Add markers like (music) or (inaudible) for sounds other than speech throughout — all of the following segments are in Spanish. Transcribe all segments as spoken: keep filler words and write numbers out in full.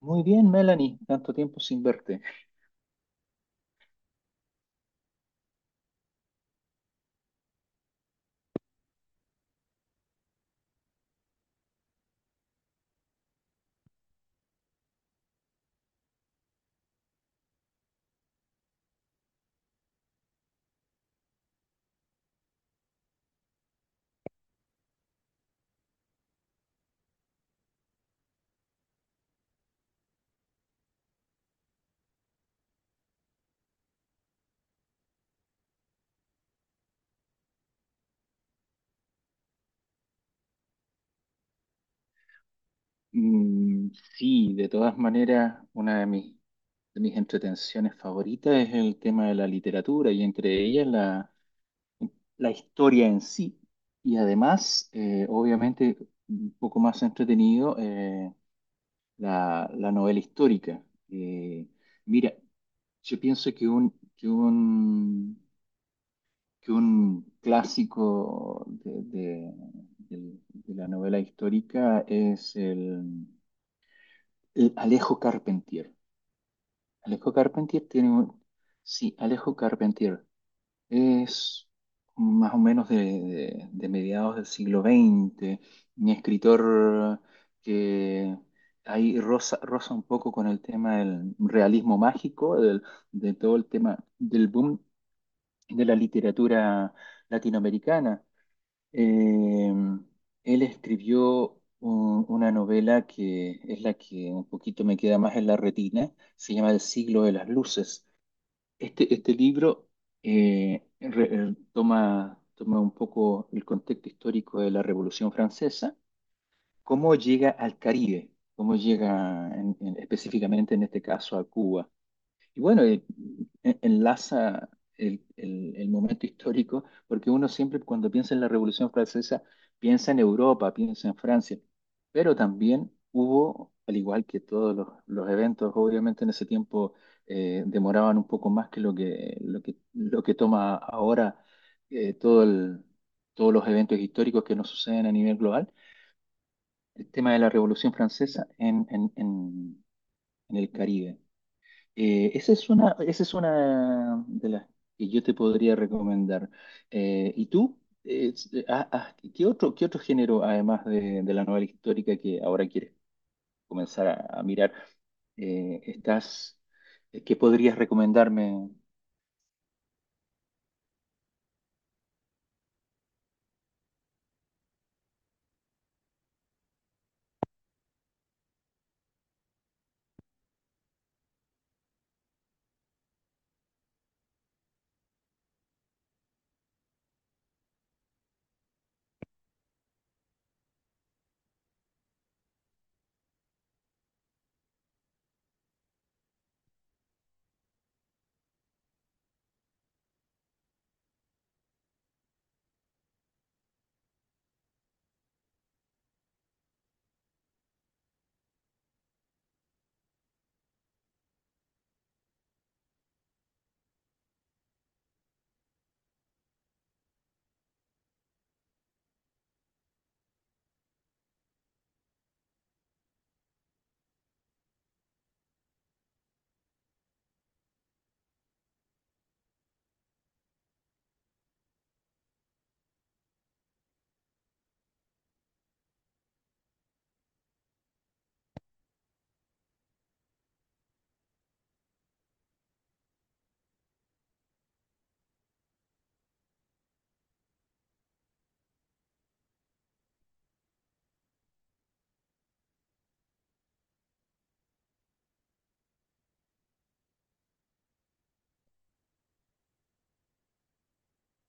Muy bien, Melanie, tanto tiempo sin verte. Mm, sí, de todas maneras, una de mis, de mis entretenciones favoritas es el tema de la literatura y entre ellas la, la historia en sí. Y además, eh, obviamente, un poco más entretenido, eh, la, la novela histórica. Eh, Mira, yo pienso que un, que un, que un clásico de, de- del- de la novela histórica es el... L- Alejo Carpentier. Alejo Carpentier tiene un... Sí, Alejo Carpentier es más o menos de, de- de mediados del siglo veinte, un escritor que ahí roza, roza un poco con el tema del realismo mágico, del- de todo el tema del boom de la literatura latinoamericana. Eh, Él escribió un- una novela que es la que un poquito me queda más en la retina, se llama El siglo de las luces. Este, este libro eh, re- eh, toma, toma un poco el contexto histórico de la Revolución Francesa, cómo llega al Caribe, cómo llega en- en- específicamente en este caso a Cuba y bueno, eh, en- enlaza el, el- el momento histórico, porque uno siempre cuando piensa en la Revolución Francesa, piensa en Europa, piensa en Francia, pero también hubo, al igual que todos los, los eventos, obviamente en ese tiempo eh, demoraban un poco más que lo que, lo que, lo que toma ahora, eh, todo el- todos los eventos históricos que nos suceden a nivel global, el tema de la Revolución Francesa en, en en- en el Caribe. Eh, esa es una, esa es una de las que yo te podría recomendar. Eh, ¿y tú? Eh, s- ah, ah, ¿qué otro, qué otro género, además de, de la novela histórica que ahora quieres comenzar a, a mirar, eh, estás, eh, qué podrías recomendarme?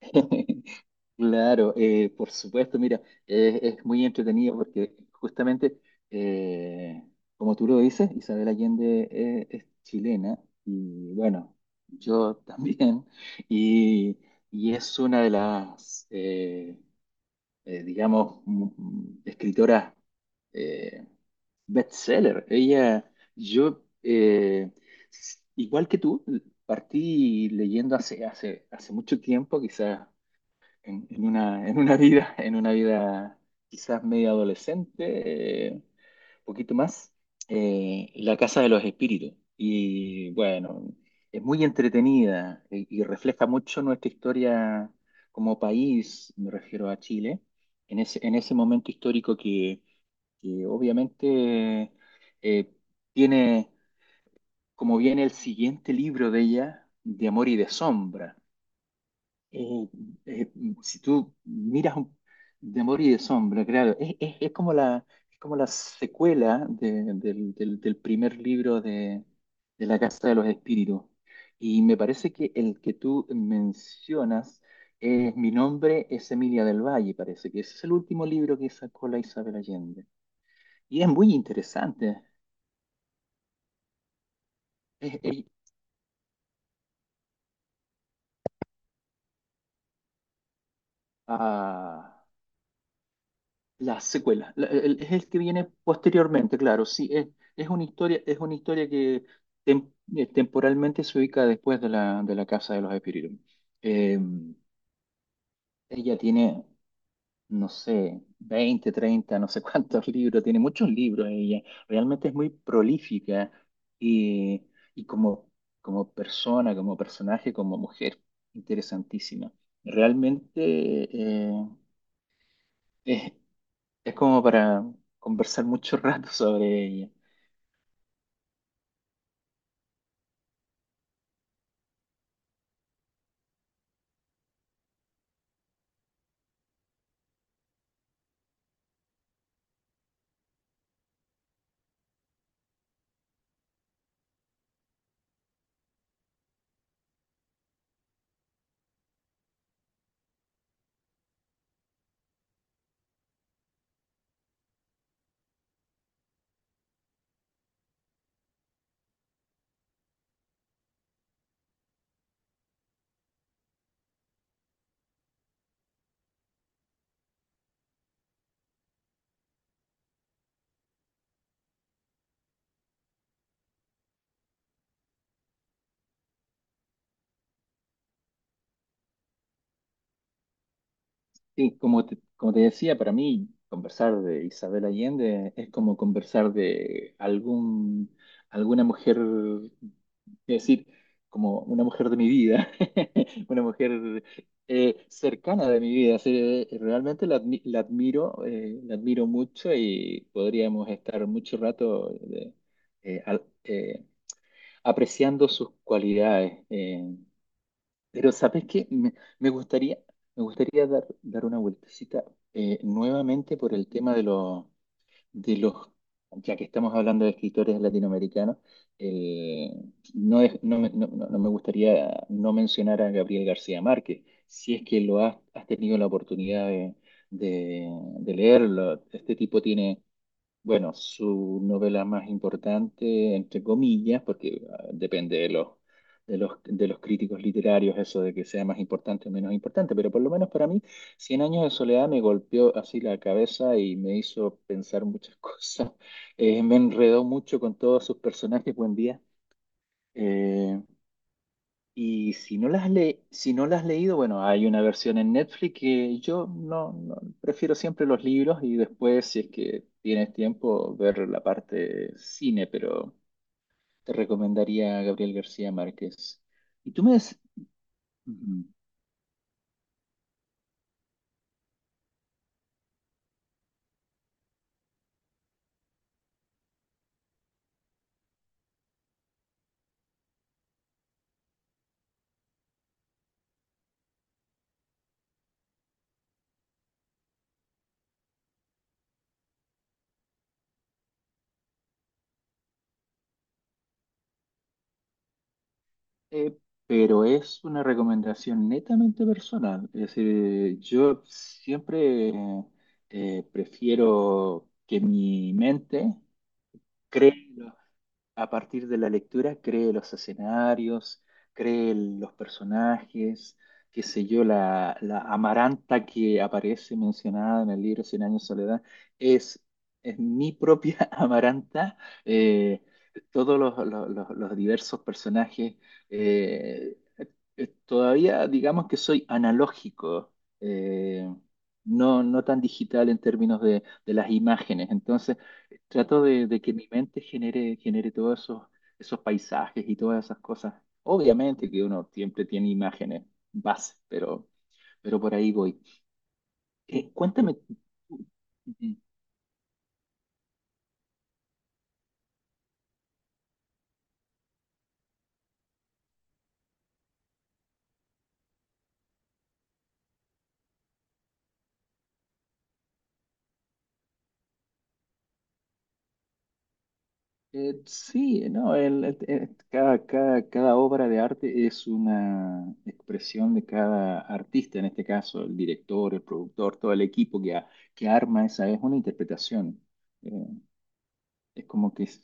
(laughs) Claro, eh, por supuesto, mira, eh, es muy entretenido porque justamente, eh, como tú lo dices, Isabel Allende, eh, es chilena y bueno, yo (laughs) también, y, y es una de las, eh, eh, digamos, m- m- escritoras eh, bestseller. Ella, yo, eh, s- igual que tú, partí leyendo hace, hace, hace mucho tiempo, quizás en, en una, en una vida, en una vida quizás media adolescente, eh, poquito más, eh, La Casa de los Espíritus. Y bueno, es muy entretenida y, y refleja mucho nuestra historia como país, me refiero a Chile, en ese, en ese momento histórico que, que obviamente eh, tiene, como viene el siguiente libro de ella, De Amor y de Sombra. Eh, eh, si tú miras un- de Amor y de Sombra, claro, es, es- es como la, es como la secuela de- del, del- del primer libro de, de La Casa de los Espíritus. Y me parece que el que tú mencionas es Mi nombre es Emilia del Valle, parece que ese es el último libro que sacó la Isabel Allende. Y es muy interesante. Es, es- ah, La secuela, la- el- es el que viene posteriormente, claro, sí, es, es una historia, es una historia que tem- eh, temporalmente se ubica después de la, de la Casa de los Espíritus. Eh, ella tiene, no sé, veinte treinta no sé cuántos (laughs) libros, tiene muchos libros ella, realmente es muy prolífica y, y como, como persona, como personaje, como mujer, interesantísima. Realmente eh, es, es como para conversar mucho (laughs) rato sobre ella. Sí, como te, como te decía, para mí conversar de Isabel Allende es como conversar de algún, alguna mujer, es decir, como una mujer de mi vida, (laughs) una mujer eh, cercana de mi vida. Así, eh, realmente la, admi- la admiro, eh, la admiro mucho y podríamos estar mucho rato de- eh, al- eh, apreciando sus cualidades. eh, Pero ¿sabes qué? Me, me gustaría, Me gustaría dar, dar una vueltecita eh, nuevamente por el tema de los, de los, ya que estamos hablando de escritores latinoamericanos, eh, no, es- no, me- no- no- no me gustaría no mencionar a Gabriel García Márquez, si es que lo has, has tenido la oportunidad de, de, de leerlo. Este tipo tiene bueno, su novela más importante, entre comillas, porque ah, depende de los, de los, de los críticos literarios eso de que sea más importante o menos importante, pero por lo menos para mí, Cien años de soledad me golpeó así la cabeza y me hizo pensar muchas (laughs) cosas. Eh, me enredó mucho con todos sus personajes, buen día. Eh, y si no las le, si no las has leído, bueno, hay una versión en Netflix que yo no, no- prefiero siempre los libros y después, si es que tienes tiempo, ver la parte cine, pero te recomendaría a Gabriel García Márquez. Y tú me des, ujú. Eh, pero es una recomendación netamente personal. Es decir, yo siempre eh, prefiero que mi mente cree. A partir de la lectura, cree los escenarios, cree el- los personajes, qué sé yo, la, la Amaranta que aparece mencionada en el libro Cien años de soledad, es, es mi propia (laughs) Amaranta. Eh, todos los, los- los- Los diversos personajes, eh, eh, todavía digamos que soy analógico, eh, no, no tan digital en términos de, de las imágenes. Entonces, eh, trato de, de que mi mente genere, genere todos esos, esos paisajes y todas esas cosas. Obviamente que uno siempre tiene imágenes base, pero, pero por ahí voy. Eh, cuéntame, Eh, sí, no, el- el- el- cada, cada, cada obra de arte es una expresión de cada artista, en este caso el director, el productor, todo el equipo que, a- que arma esa, es una interpretación. Eh, es como que es-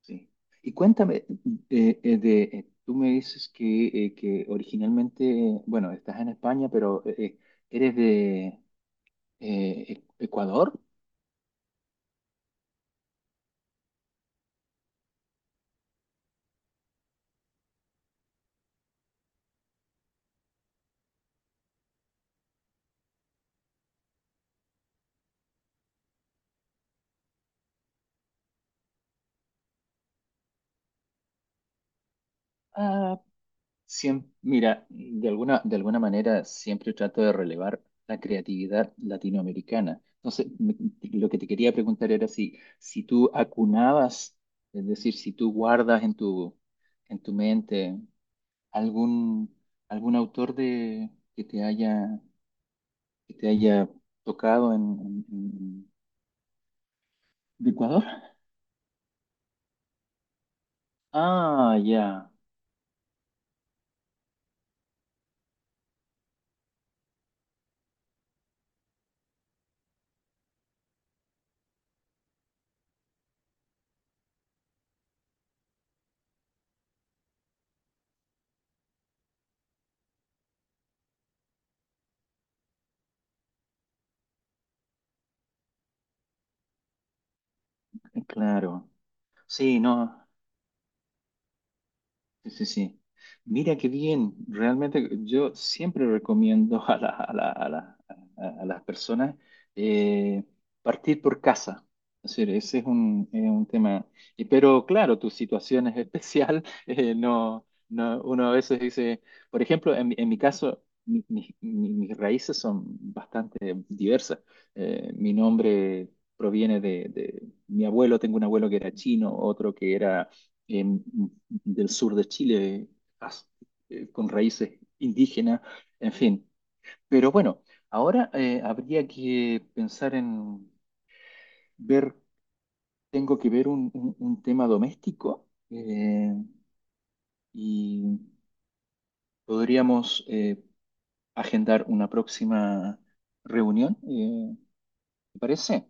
Sí. Y cuéntame, eh, eh, de, eh, tú me dices que, eh, que originalmente, eh, bueno, estás en España, pero eh, eh, eres de eh, Ecuador. Ah, Siem- mira, de alguna, de alguna manera siempre trato de relevar la creatividad latinoamericana. Entonces, me- lo que te quería preguntar era si, si tú acunabas, es decir, si tú guardas en tu, en tu mente algún, algún autor de, que te haya, que te haya tocado en, en- en- ¿de Ecuador? Ah, ya, claro. Sí, no. Sí, sí, sí. Mira qué bien. Realmente yo siempre recomiendo (laughs) a, la- a la- a la- a- a las personas eh, partir por casa. Es decir, ese es un, es un tema. Y, pero claro, tu situación es especial. (laughs) eh, no, no, uno a veces dice, por ejemplo, en, mi en mi caso, mi- mi- mi- mis raíces son bastante diversas. Eh, mi nombre proviene de, de mi abuelo, tengo un abuelo que era chino, otro que era... em, del sur de Chile, eh, con raíces indígenas, en fin. Pero bueno, ahora eh, habría que pensar en ver, tengo que ver un, un- un tema doméstico eh, y podríamos eh, agendar una próxima reunión, eh, ¿te parece?